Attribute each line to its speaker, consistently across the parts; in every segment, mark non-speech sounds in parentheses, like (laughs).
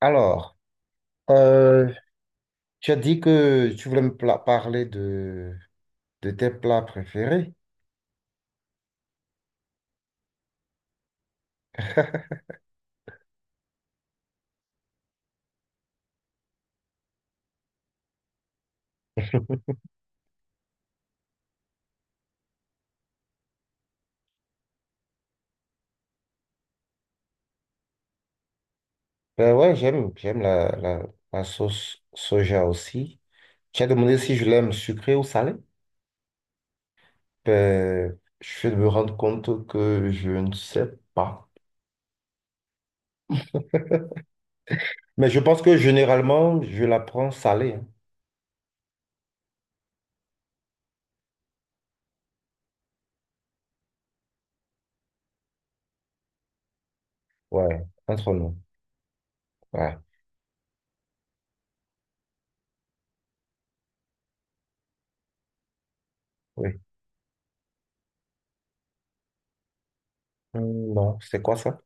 Speaker 1: Alors, euh, tu as dit que tu voulais parler de tes plats préférés. Ben ouais, j'aime la sauce soja aussi. Tu as demandé si je l'aime sucrée ou salée. Ben, je vais me rendre compte que je ne sais pas. Mais je pense que généralement, je la prends salée, hein. Ouais, entre nous. Ouais, oui. Non, c'est quoi ça?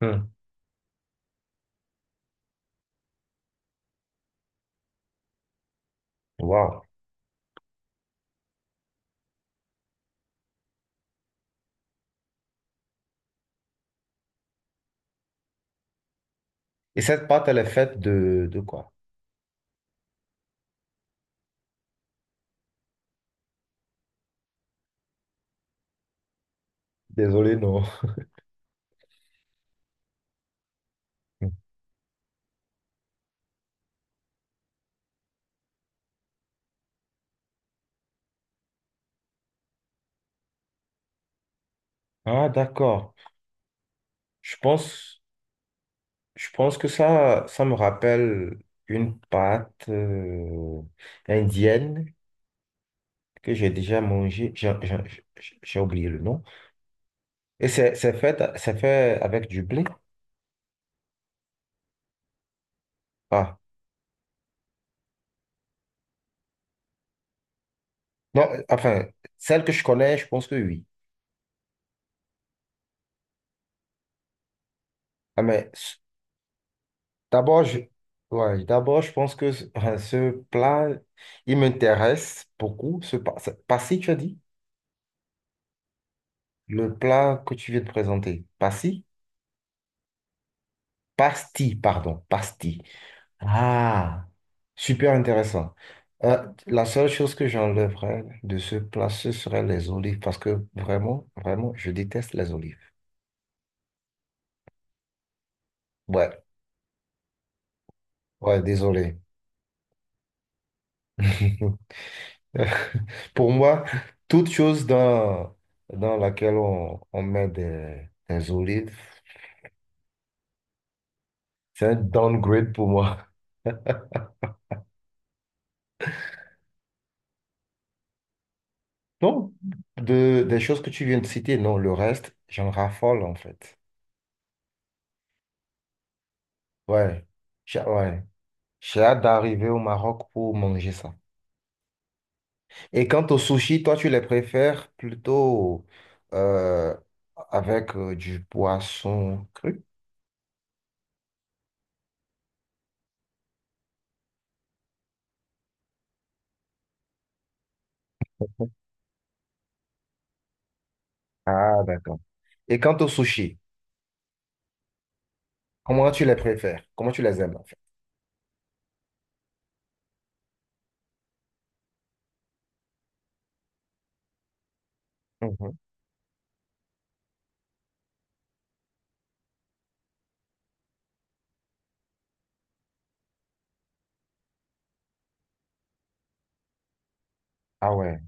Speaker 1: Hum. Wow. Et cette pâte, elle est faite de quoi? Désolé, non. (laughs) Ah, d'accord. Je pense, je pense que ça me rappelle une pâte indienne que j'ai déjà mangée. J'ai oublié le nom. Et c'est c'est fait avec du blé. Ah, non, enfin, celle que je connais, je pense que oui. Ah, d'abord, je, ouais, d'abord, je pense que ce (laughs) ce plat, il m'intéresse beaucoup. Passi, tu as dit? Le plat que tu viens de présenter. Passi? Pasti, pardon. Pasti. Ah, super intéressant. La seule chose que j'enlèverais de ce plat, ce serait les olives, parce que vraiment, je déteste les olives. Ouais, ouais, désolé. (laughs) Pour moi, toute chose dans laquelle on met des olives, c'est un downgrade pour moi. (laughs) Non, des choses que tu viens de citer, non, le reste, j'en raffole en fait. Ouais, ouais. J'ai hâte d'arriver au Maroc pour manger ça. Et quant aux sushis, toi, tu les préfères plutôt euh, avec du poisson cru? Ah, d'accord. Et quant aux sushis, comment tu les préfères? Comment tu les aimes, en fait? Mhm. Ah ouais,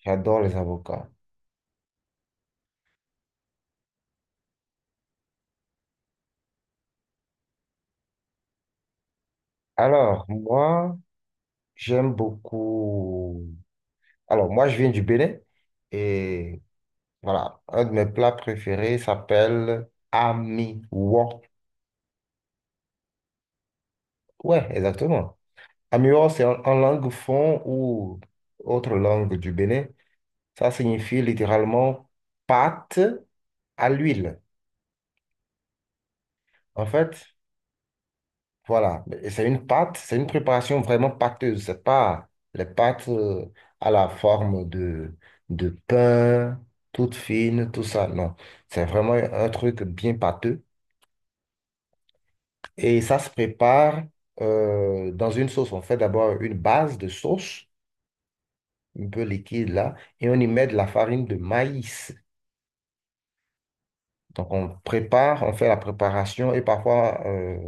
Speaker 1: j'adore les avocats. Alors, moi, j'aime beaucoup. Alors, moi, je viens du Bénin et voilà, un de mes plats préférés s'appelle Ami Wok. Ouais, exactement. Amiwa, c'est en langue fon ou autre langue du Bénin. Ça signifie littéralement pâte à l'huile. En fait, voilà. Et c'est une pâte, c'est une préparation vraiment pâteuse. C'est pas les pâtes à la forme de pain, toute fine, tout ça. Non. C'est vraiment un truc bien pâteux. Et ça se prépare dans une sauce. On fait d'abord une base de sauce, un peu liquide là, et on y met de la farine de maïs. Donc, on prépare, on fait la préparation et parfois,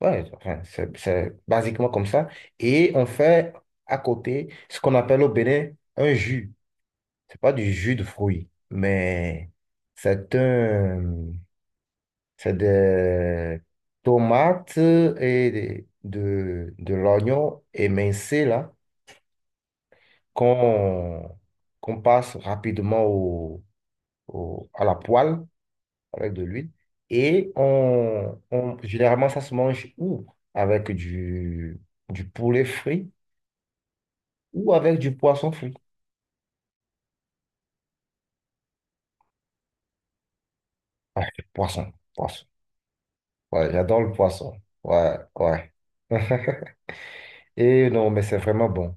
Speaker 1: ouais, enfin, c'est basiquement comme ça. Et on fait à côté ce qu'on appelle au Bénin un jus. C'est pas du jus de fruits, mais c'est un, c'est des tomates l'oignon émincé là qu'on qu'on passe rapidement à la poêle avec de l'huile. Et généralement, ça se mange ou avec du poulet frit ou avec du poisson frit. Ouais, poisson. Ouais, j'adore le poisson. Ouais, ouais. (laughs) Et non, mais c'est vraiment bon.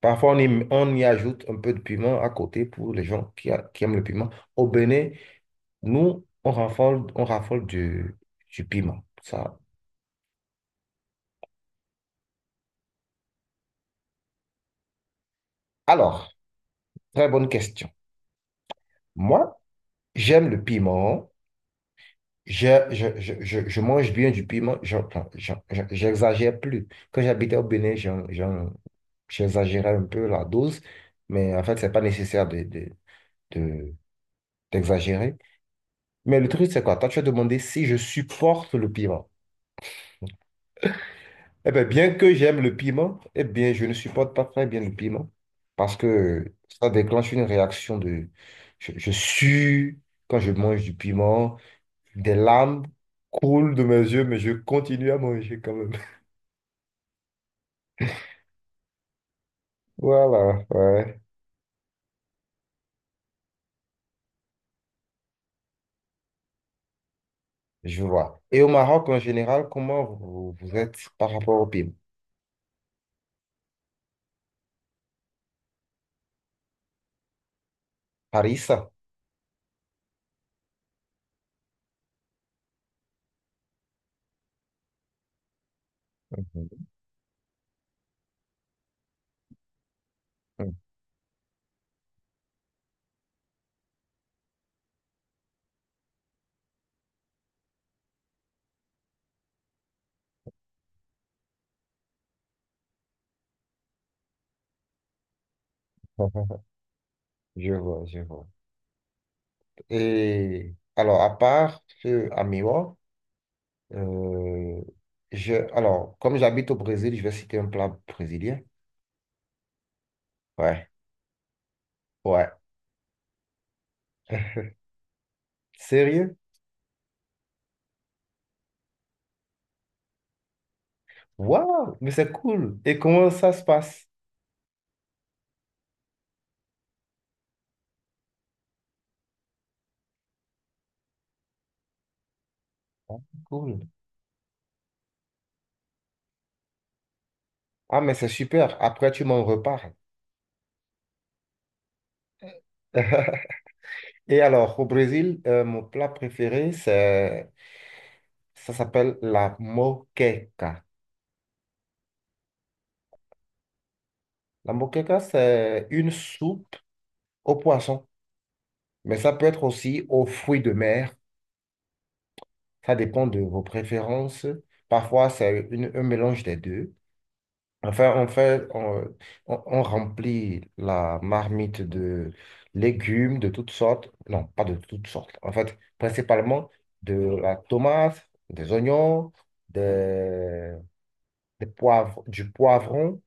Speaker 1: Parfois, on y ajoute un peu de piment à côté pour les gens qui aiment le piment. Au Bénin, nous, on raffole du piment. Ça. Alors, très bonne question. Moi, j'aime le piment. Je mange bien du piment, j'exagère plus. Quand j'habitais au Bénin, j'exagérais un peu la dose, mais en fait, c'est pas nécessaire de- d'exagérer. Mais le truc, c'est quoi? Toi, tu as demandé si je supporte le piment. Eh bien, bien que j'aime le piment, eh bien, je ne supporte pas très bien le piment parce que ça déclenche une réaction de… Je sue quand je mange du piment, des larmes coulent de mes yeux, mais je continue à manger quand même. Voilà, ouais, je vois. Et au Maroc en général, comment vous êtes par rapport au PIB? Paris, ça? Mhm. Hmm. (laughs) Je vois, je vois. Et alors, à part ce amiwa, euh, alors, comme j'habite au Brésil, je vais citer un plat brésilien. Ouais, ouais. Sérieux? Waouh, mais c'est cool. Et comment ça se passe? Ah, cool. Ah, mais c'est super. Après, tu m'en reparles. (laughs) Et alors, au Brésil, mon plat préféré, c'est… Ça s'appelle la moqueca. La moqueca, c'est une soupe au poisson, mais ça peut être aussi aux fruits de mer. Ça dépend de vos préférences. Parfois, un mélange des deux. Enfin, on fait, on remplit la marmite de légumes de toutes sortes. Non, pas de toutes sortes. En fait, principalement de la tomate, des oignons, des, des poivres, du poivron.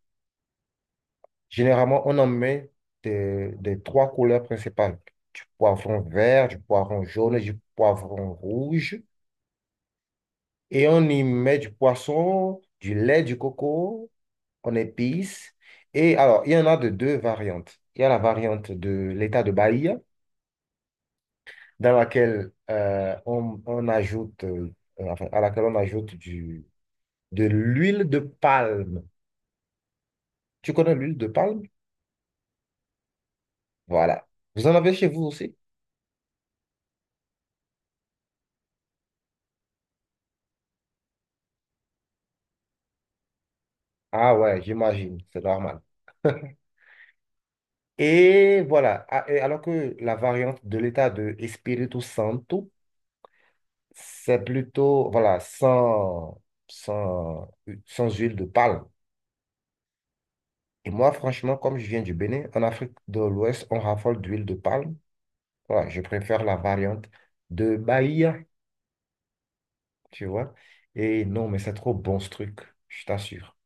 Speaker 1: Généralement, on en met des trois couleurs principales, du poivron vert, du poivron jaune et du poivron rouge. Et on y met du poisson, du lait, du coco, on épice. Et alors, il y en a de deux variantes. Il y a la variante de l'état de Bahia, dans laquelle on ajoute, enfin, à laquelle on ajoute de l'huile de palme. Tu connais l'huile de palme? Voilà. Vous en avez chez vous aussi? Ah ouais, j'imagine, c'est normal. Et voilà, et alors que la variante de l'état de Espírito Santo, c'est plutôt, voilà, sans, sans huile de palme. Et moi, franchement, comme je viens du Bénin, en Afrique de l'Ouest, on raffole d'huile de palme. Voilà, je préfère la variante de Bahia, tu vois. Et non, mais c'est trop bon ce truc, je t'assure.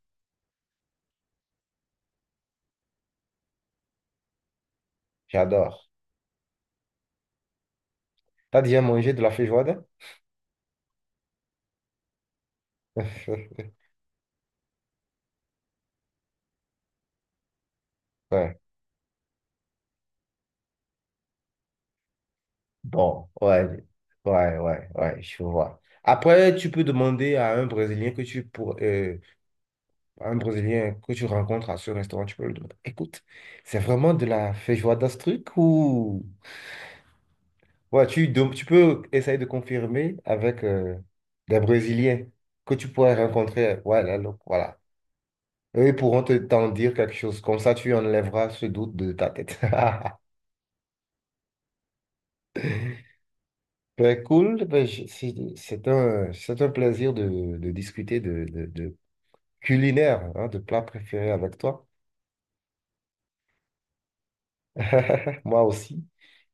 Speaker 1: J'adore. T'as déjà mangé de la feijoada? (laughs) Ouais. Bon, ouais, je vois. Après, tu peux demander à un Brésilien que tu pour à un Brésilien que tu rencontres à ce restaurant, tu peux lui demander, écoute, c'est vraiment de la feijoada ce truc ou ouais, tu peux essayer de confirmer avec des Brésiliens que tu pourrais rencontrer. Ouais là donc, voilà. Eux, ils pourront te t'en dire quelque chose. Comme ça, tu enlèveras ce doute de ta tête. (laughs) Ben, cool, c'est c'est un plaisir de discuter culinaire, hein, de plat préféré avec toi. (laughs) Moi aussi.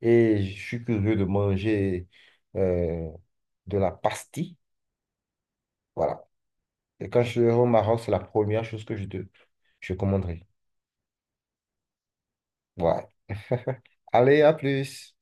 Speaker 1: Et je suis curieux de manger euh, de la pastille. Voilà. Et quand je serai au Maroc, c'est la première chose que je commanderai. Ouais. (laughs) Allez, à plus.